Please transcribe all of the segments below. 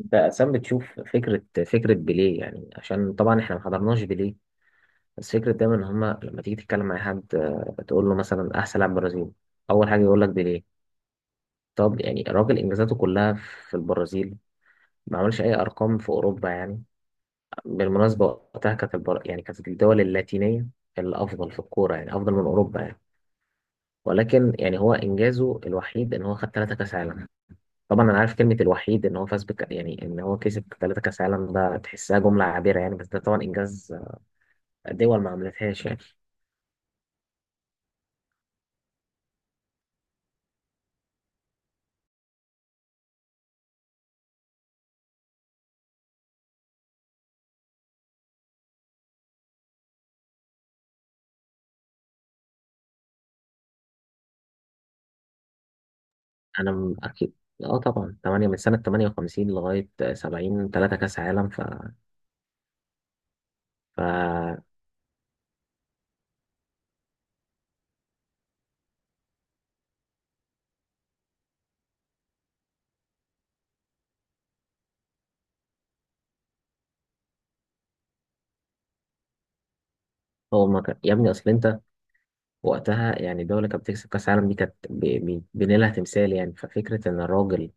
انت اسام، بتشوف فكره بيليه يعني؟ عشان طبعا احنا ما حضرناش بيليه. بس فكره دايما ان هما لما تيجي تتكلم مع حد تقول له مثلا احسن لاعب برازيل، اول حاجه يقول لك بيليه. طب يعني الراجل انجازاته كلها في البرازيل، ما عملش اي ارقام في اوروبا يعني. بالمناسبه وقتها كانت يعني كانت الدول اللاتينيه الافضل في الكوره، يعني افضل من اوروبا يعني. ولكن يعني هو انجازه الوحيد ان هو خد 3 كاس عالم. طبعا انا عارف كلمه الوحيد ان هو فاز بك، يعني ان هو كسب 3 كاس عالم، ده تحسها جمله عابره يعني، بس ده طبعا انجاز دول ما عملتهاش يعني. انا اكيد. اه طبعا 8 من سنه 58 لغايه 70، 3 كاس عالم. ف هو ما كان يا ابني. اصل انت وقتها يعني الدوله كانت بتكسب كاس عالم، دي كانت بنيلها تمثال يعني. ففكره ان الراجل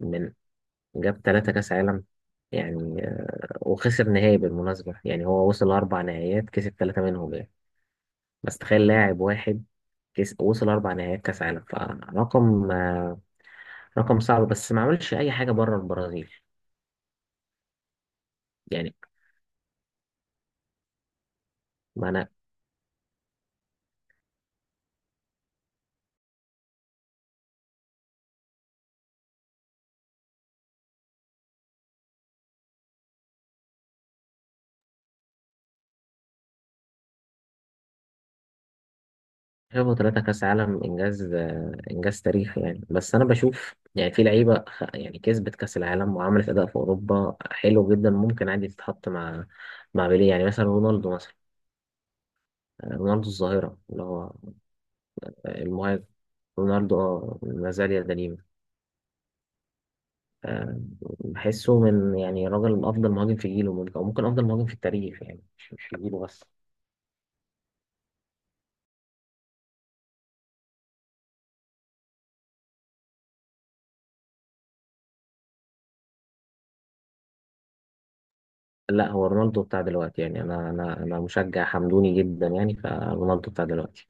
من جاب 3 كاس عالم يعني، وخسر نهائي بالمناسبه. يعني هو وصل ل4 نهائيات، كسب 3 منهم يعني. بس تخيل لاعب واحد كيس وصل 4 نهائيات كأس عالم، فرقم، رقم صعب، بس ما عملش أي حاجة بره البرازيل يعني. ما أنا شايفه 3 كأس عالم إنجاز، إنجاز تاريخي يعني، بس أنا بشوف يعني في لعيبة يعني كسبت كأس العالم وعملت أداء في أوروبا حلو جدا، ممكن عادي تتحط مع بيليه يعني. مثلا رونالدو مثلا، رونالدو الظاهرة اللي هو، المهاجم. رونالدو ما زال يدنيم. آه، بحسه من يعني راجل افضل مهاجم في جيله، ممكن او ممكن افضل مهاجم في التاريخ يعني، مش في جيله بس. لا، هو رونالدو بتاع دلوقتي يعني، انا مشجع حمدوني جدا يعني، فرونالدو بتاع دلوقتي،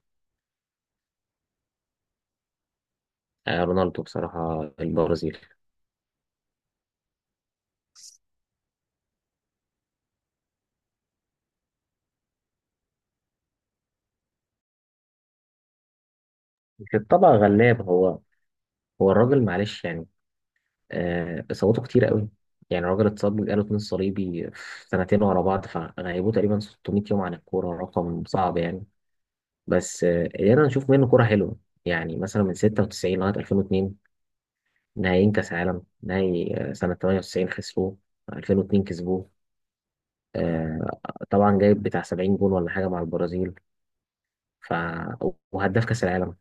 رونالدو بصراحة البرازيل. في الطبع غلاب، هو الراجل معلش يعني. اصاباته كتير قوي يعني. الراجل اتصاب بالقرن الصليبي في سنتين ورا بعض، فغيبوه تقريبا 600 يوم عن الكورة، رقم صعب يعني. بس قدرنا نشوف منه كورة حلوة، يعني مثلا من 96 لغاية 2002، نهائيين كأس عالم، نهائي سنة 98 خسروه، 2002 كسبوه. آه، طبعا جايب بتاع 70 جول ولا حاجه مع البرازيل، ف وهداف كاس العالم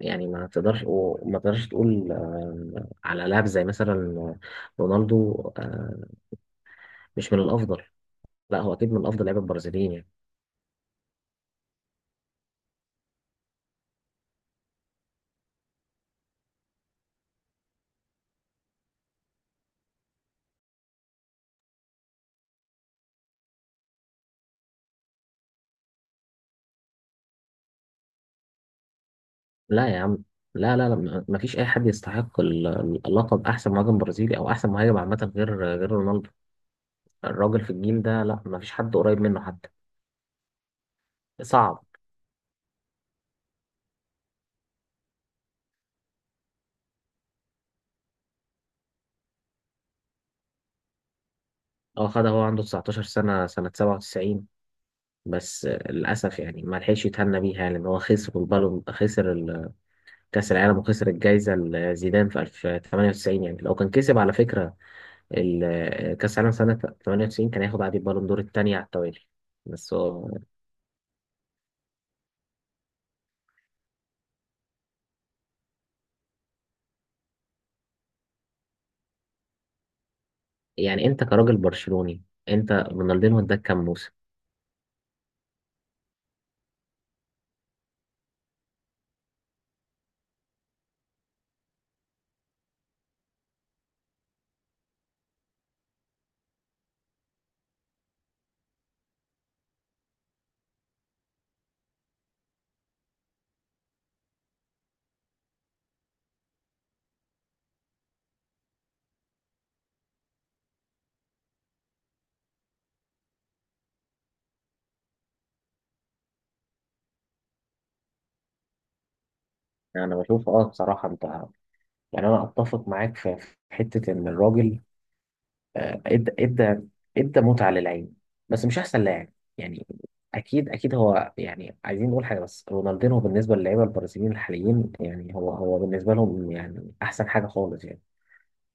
يعني. ما تقدرش، وما تقدرش تقول على لاعب زي مثلا رونالدو، آه، مش من الافضل. لا، هو اكيد من افضل لعيبه البرازيليين يعني. لا يا عم، لا، لا، لا، ما فيش اي حد يستحق اللقب، احسن مهاجم برازيلي او احسن مهاجم عامه، غير رونالدو. الراجل في الجيل ده، لا، ما فيش حد قريب منه حتى. صعب. اه خدها، هو عنده 19 سنه، سنه 97. بس للأسف يعني ما لحقش يتهنى بيها يعني، لأن هو خسر البالون، خسر كأس العالم، وخسر الجايزة لزيدان في 1998 يعني. لو كان كسب على فكرة كأس العالم سنة 98، كان هياخد عادي البالون دور التانية على التوالي. بس هو يعني. أنت كراجل برشلوني، أنت رونالدينو اداك كام موسم؟ أنا بشوف، بصراحة، أنت، يعني أنا أتفق معاك في حتة إن الراجل، آه، ادى ادى ادى متعة للعين، بس مش احسن لاعب يعني. اكيد اكيد هو، يعني عايزين نقول حاجة، بس رونالدينو بالنسبة للعيبة البرازيليين الحاليين، يعني هو بالنسبة لهم يعني احسن حاجة خالص يعني.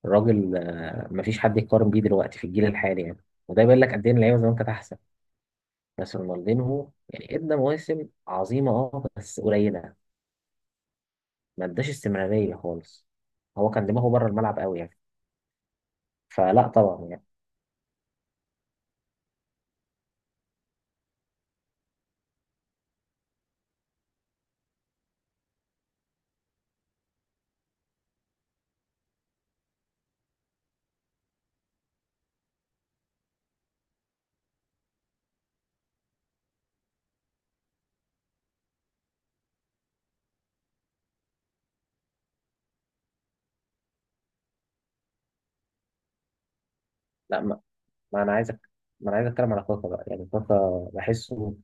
الراجل، مفيش حد يقارن بيه دلوقتي في الجيل الحالي يعني، وده يبين لك قد ايه إن اللعيبة زمان كانت احسن. بس رونالدينو هو يعني ادى مواسم عظيمة، بس قليلة، ما اداش استمرارية خالص. هو كان دماغه بره الملعب قوي يعني. فلا طبعا يعني. لا، ما انا عايزك ما انا عايز اتكلم على كاكا بقى، يعني كاكا بحسه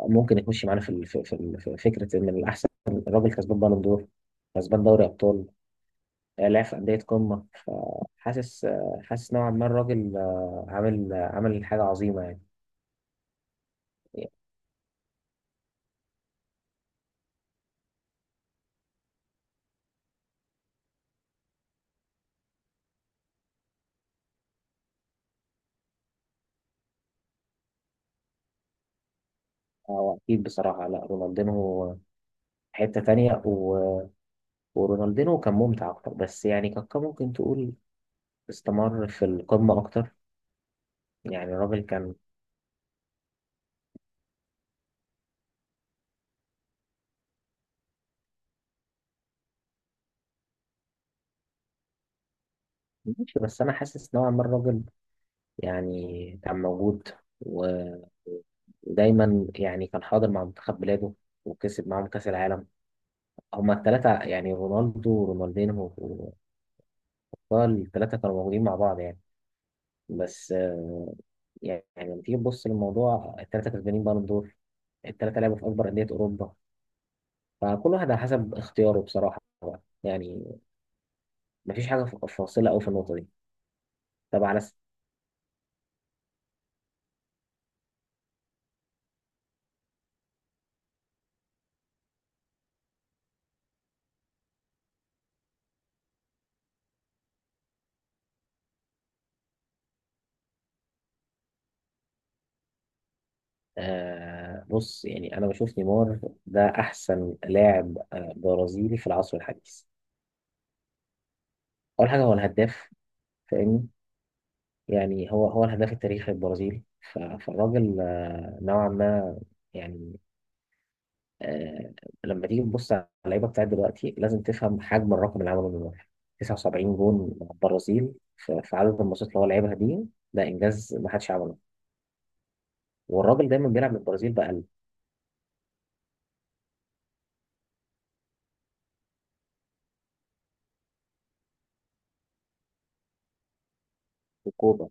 ممكن يخش معانا في في فكره ان الاحسن. الراجل كسبان بالون دور، كسبان دوري ابطال، لعب في انديه قمه. فحاسس آه، حاسس نوعا ما الراجل عامل حاجه عظيمه يعني. هو اكيد بصراحه، لا، رونالدينو حته تانية، ورونالدينو كان ممتع اكتر، بس يعني كاكا ممكن تقول استمر في القمه اكتر يعني. الراجل كان ماشي، بس انا حاسس نوعا ما الراجل يعني كان موجود، و- ودايما يعني كان حاضر مع منتخب بلاده، وكسب معاهم كأس العالم. هما التلاتة يعني رونالدو ورونالدينو وكاكا، التلاتة كانوا موجودين مع بعض يعني. بس يعني لما تيجي تبص للموضوع، التلاتة كسبانين بالون دور، التلاتة لعبوا في أكبر أندية أوروبا، فكل واحد على حسب اختياره بصراحة بقى. يعني مفيش حاجة فاصلة أوي في النقطة دي. طب على بص، يعني انا بشوف نيمار ده احسن لاعب برازيلي في العصر الحديث. اول حاجه هو الهداف، فاهمني، يعني هو الهداف التاريخي البرازيلي. فالراجل نوعا ما يعني، آه لما تيجي تبص على اللعيبه بتاعت دلوقتي، لازم تفهم حجم الرقم اللي عمله نيمار، 79 جون مع البرازيل في عدد الماتشات اللي هو لعبها دي، ده انجاز ما حدش عمله. والراجل دايما بيلعب للبرازيل بأقل وكوبا